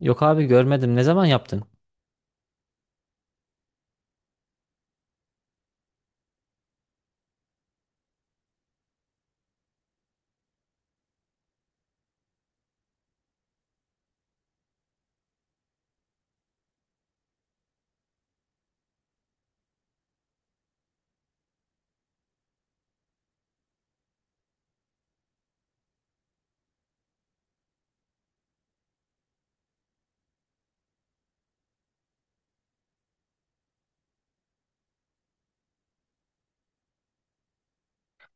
Yok abi, görmedim. Ne zaman yaptın?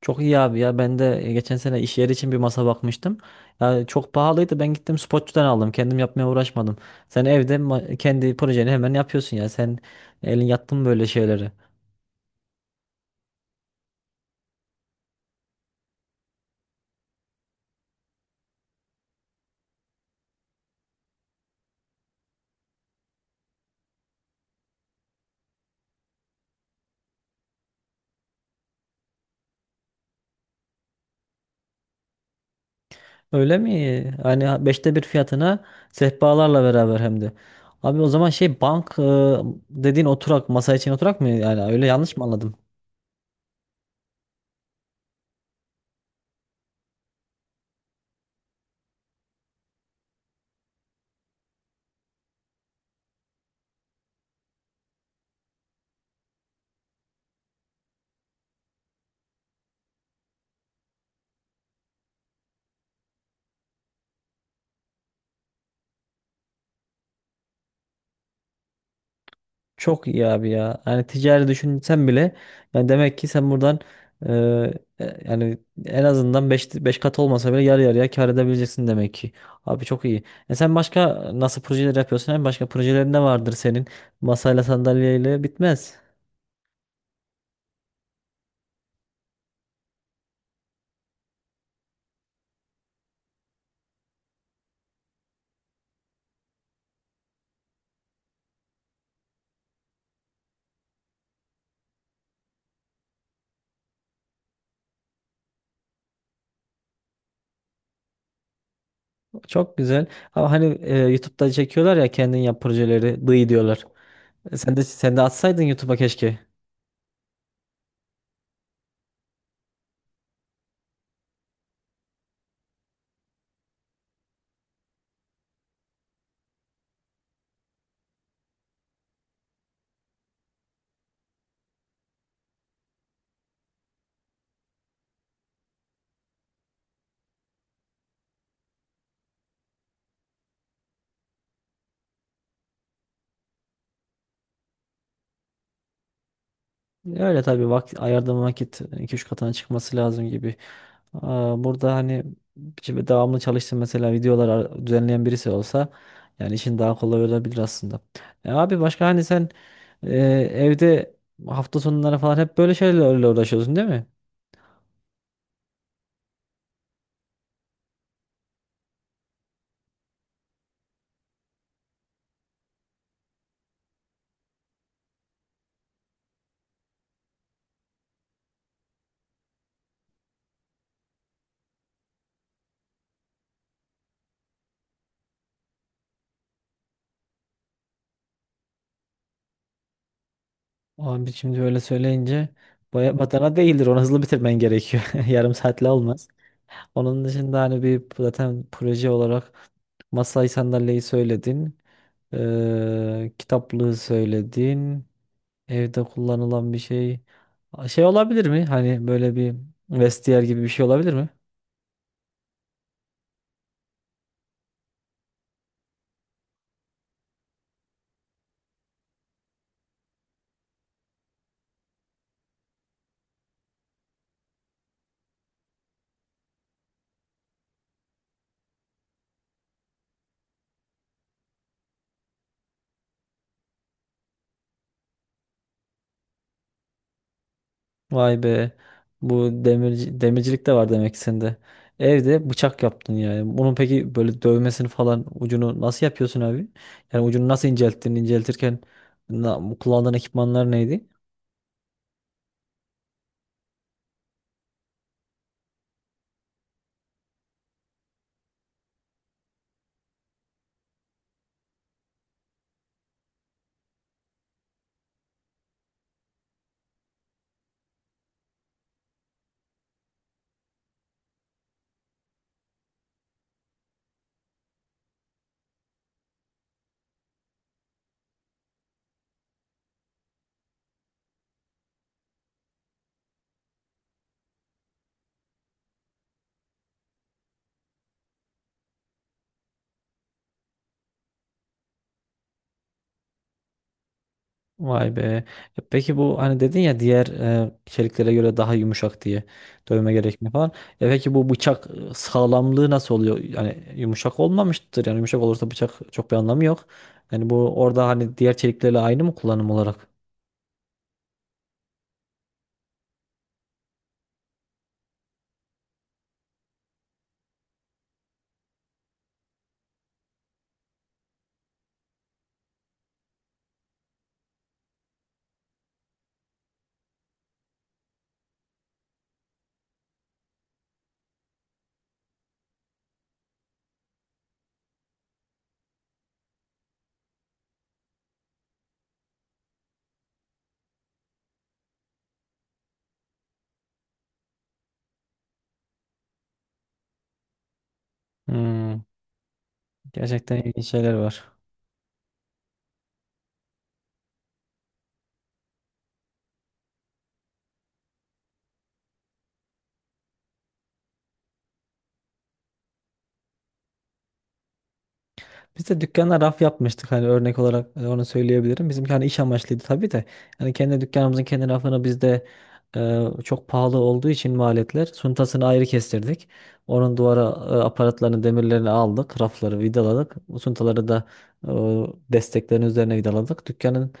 Çok iyi abi ya. Ben de geçen sene iş yeri için bir masa bakmıştım. Ya çok pahalıydı. Ben gittim, spotçudan aldım. Kendim yapmaya uğraşmadım. Sen evde kendi projeni hemen yapıyorsun ya. Sen elin yattın mı böyle şeylere? Öyle mi? Hani beşte bir fiyatına, sehpalarla beraber hem de. Abi o zaman şey, bank dediğin oturak, masa için oturak mı yani, öyle yanlış mı anladım? Çok iyi abi ya. Yani ticari düşünsen bile, yani demek ki sen buradan e, yani en azından beş kat olmasa bile yarı yarıya kar edebileceksin demek ki. Abi çok iyi. E sen başka nasıl projeler yapıyorsun? Hem başka projelerin ne vardır senin? Masayla sandalyeyle bitmez. Çok güzel. Ama hani YouTube'da çekiyorlar ya, kendin yap projeleri diyorlar. E sen de atsaydın YouTube'a keşke. Öyle tabii, vakit ayırdığın vakit iki üç katına çıkması lazım gibi. Aa, burada hani şimdi devamlı çalıştığım, mesela videolar düzenleyen birisi olsa yani işin daha kolay olabilir aslında. E abi başka hani sen e, evde hafta sonları falan hep böyle şeylerle uğraşıyorsun değil mi? Abi şimdi öyle söyleyince baya batana değildir. Onu hızlı bitirmen gerekiyor. Yarım saatle olmaz. Onun dışında hani bir zaten proje olarak masayı, sandalyeyi söyledin. Kitaplığı söyledin. Evde kullanılan bir şey. Şey olabilir mi? Hani böyle bir vestiyer gibi bir şey olabilir mi? Vay be. Bu demirci, demircilik de var demek ki sende. Evde bıçak yaptın yani. Bunun peki böyle dövmesini falan, ucunu nasıl yapıyorsun abi? Yani ucunu nasıl incelttin? İnceltirken kullandığın ekipmanlar neydi? Vay be. E peki bu, hani dedin ya, diğer çeliklere göre daha yumuşak diye dövme gerekmiyor falan. E peki bu bıçak sağlamlığı nasıl oluyor? Yani yumuşak olmamıştır. Yani yumuşak olursa bıçak, çok bir anlamı yok. Yani bu orada hani diğer çeliklerle aynı mı kullanım olarak? Hmm, gerçekten ilginç şeyler var. Biz de dükkana raf yapmıştık, hani örnek olarak onu söyleyebilirim. Bizimki hani iş amaçlıydı tabii de. Yani kendi dükkanımızın kendi rafını biz de çok pahalı olduğu için maliyetler, suntasını ayrı kestirdik. Onun duvara aparatlarını, demirlerini aldık. Rafları vidaladık. Bu suntaları da e, desteklerin üzerine vidaladık. Dükkanın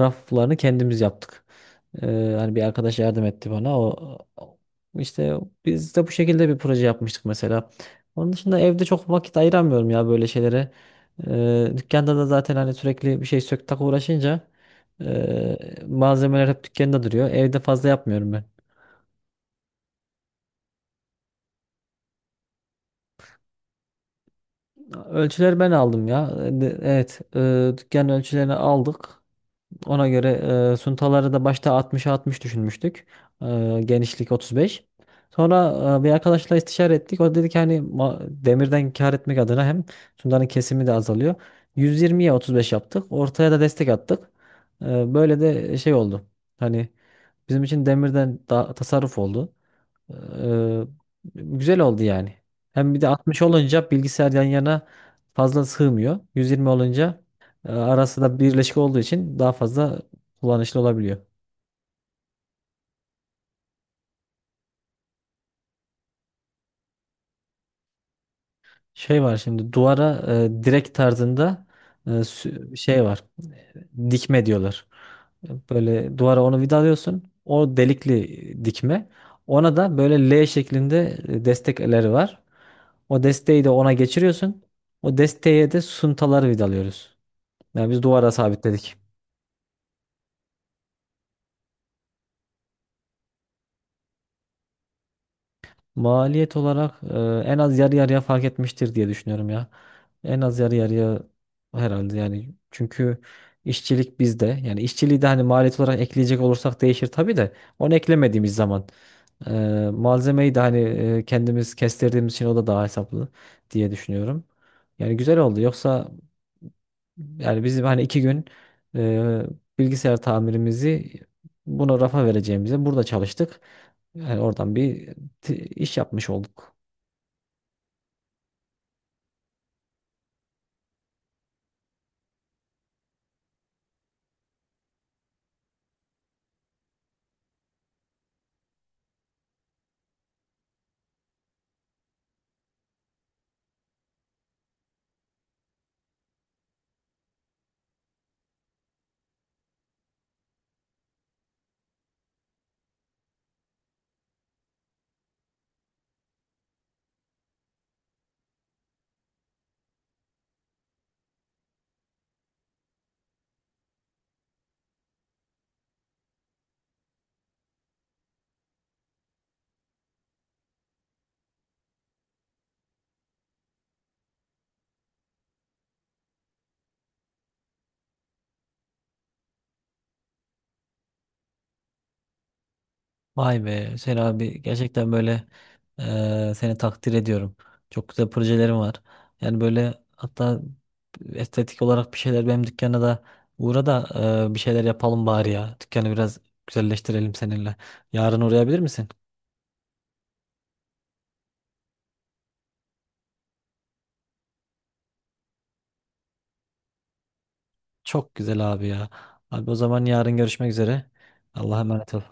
raflarını kendimiz yaptık. E, Hani bir arkadaş yardım etti bana. İşte biz de bu şekilde bir proje yapmıştık mesela. Onun dışında evde çok vakit ayıramıyorum ya böyle şeylere. Dükkanda da zaten hani sürekli bir şey sök tak uğraşınca, eee, malzemeler hep dükkanda duruyor. Evde fazla yapmıyorum ben. Ölçüleri ben aldım ya. Evet, dükkan ölçülerini aldık. Ona göre suntaları da başta 60'a 60 düşünmüştük. Genişlik 35. Sonra bir arkadaşla istişare ettik. O dedi ki hani demirden kâr etmek adına, hem suntanın kesimi de azalıyor. 120'ye 35 yaptık. Ortaya da destek attık. Böyle de şey oldu. Hani bizim için demirden daha tasarruf oldu. Ee, Güzel oldu yani. Hem bir de 60 olunca bilgisayar yan yana fazla sığmıyor. 120 olunca arası da birleşik olduğu için daha fazla kullanışlı olabiliyor. Şey var şimdi, duvara direkt tarzında şey var. Dikme diyorlar. Böyle duvara onu vidalıyorsun. O delikli dikme. Ona da böyle L şeklinde destekleri var. O desteği de ona geçiriyorsun. O desteğe de suntaları vidalıyoruz. Yani biz duvara sabitledik. Maliyet olarak en az yarı yarıya fark etmiştir diye düşünüyorum ya. En az yarı yarıya herhalde yani. Çünkü işçilik bizde. Yani işçiliği de hani maliyet olarak ekleyecek olursak değişir tabii de. Onu eklemediğimiz zaman e, malzemeyi de hani kendimiz kestirdiğimiz için o da daha hesaplı diye düşünüyorum. Yani güzel oldu. Yoksa yani bizim hani iki gün e, bilgisayar tamirimizi buna, rafa vereceğimize burada çalıştık. Yani oradan bir iş yapmış olduk. Vay be Hüseyin abi, gerçekten böyle seni takdir ediyorum. Çok güzel projelerim var. Yani böyle, hatta estetik olarak bir şeyler, benim dükkana da uğra da bir şeyler yapalım bari ya. Dükkanı biraz güzelleştirelim seninle. Yarın uğrayabilir misin? Çok güzel abi ya. Abi o zaman yarın görüşmek üzere. Allah'a emanet ol.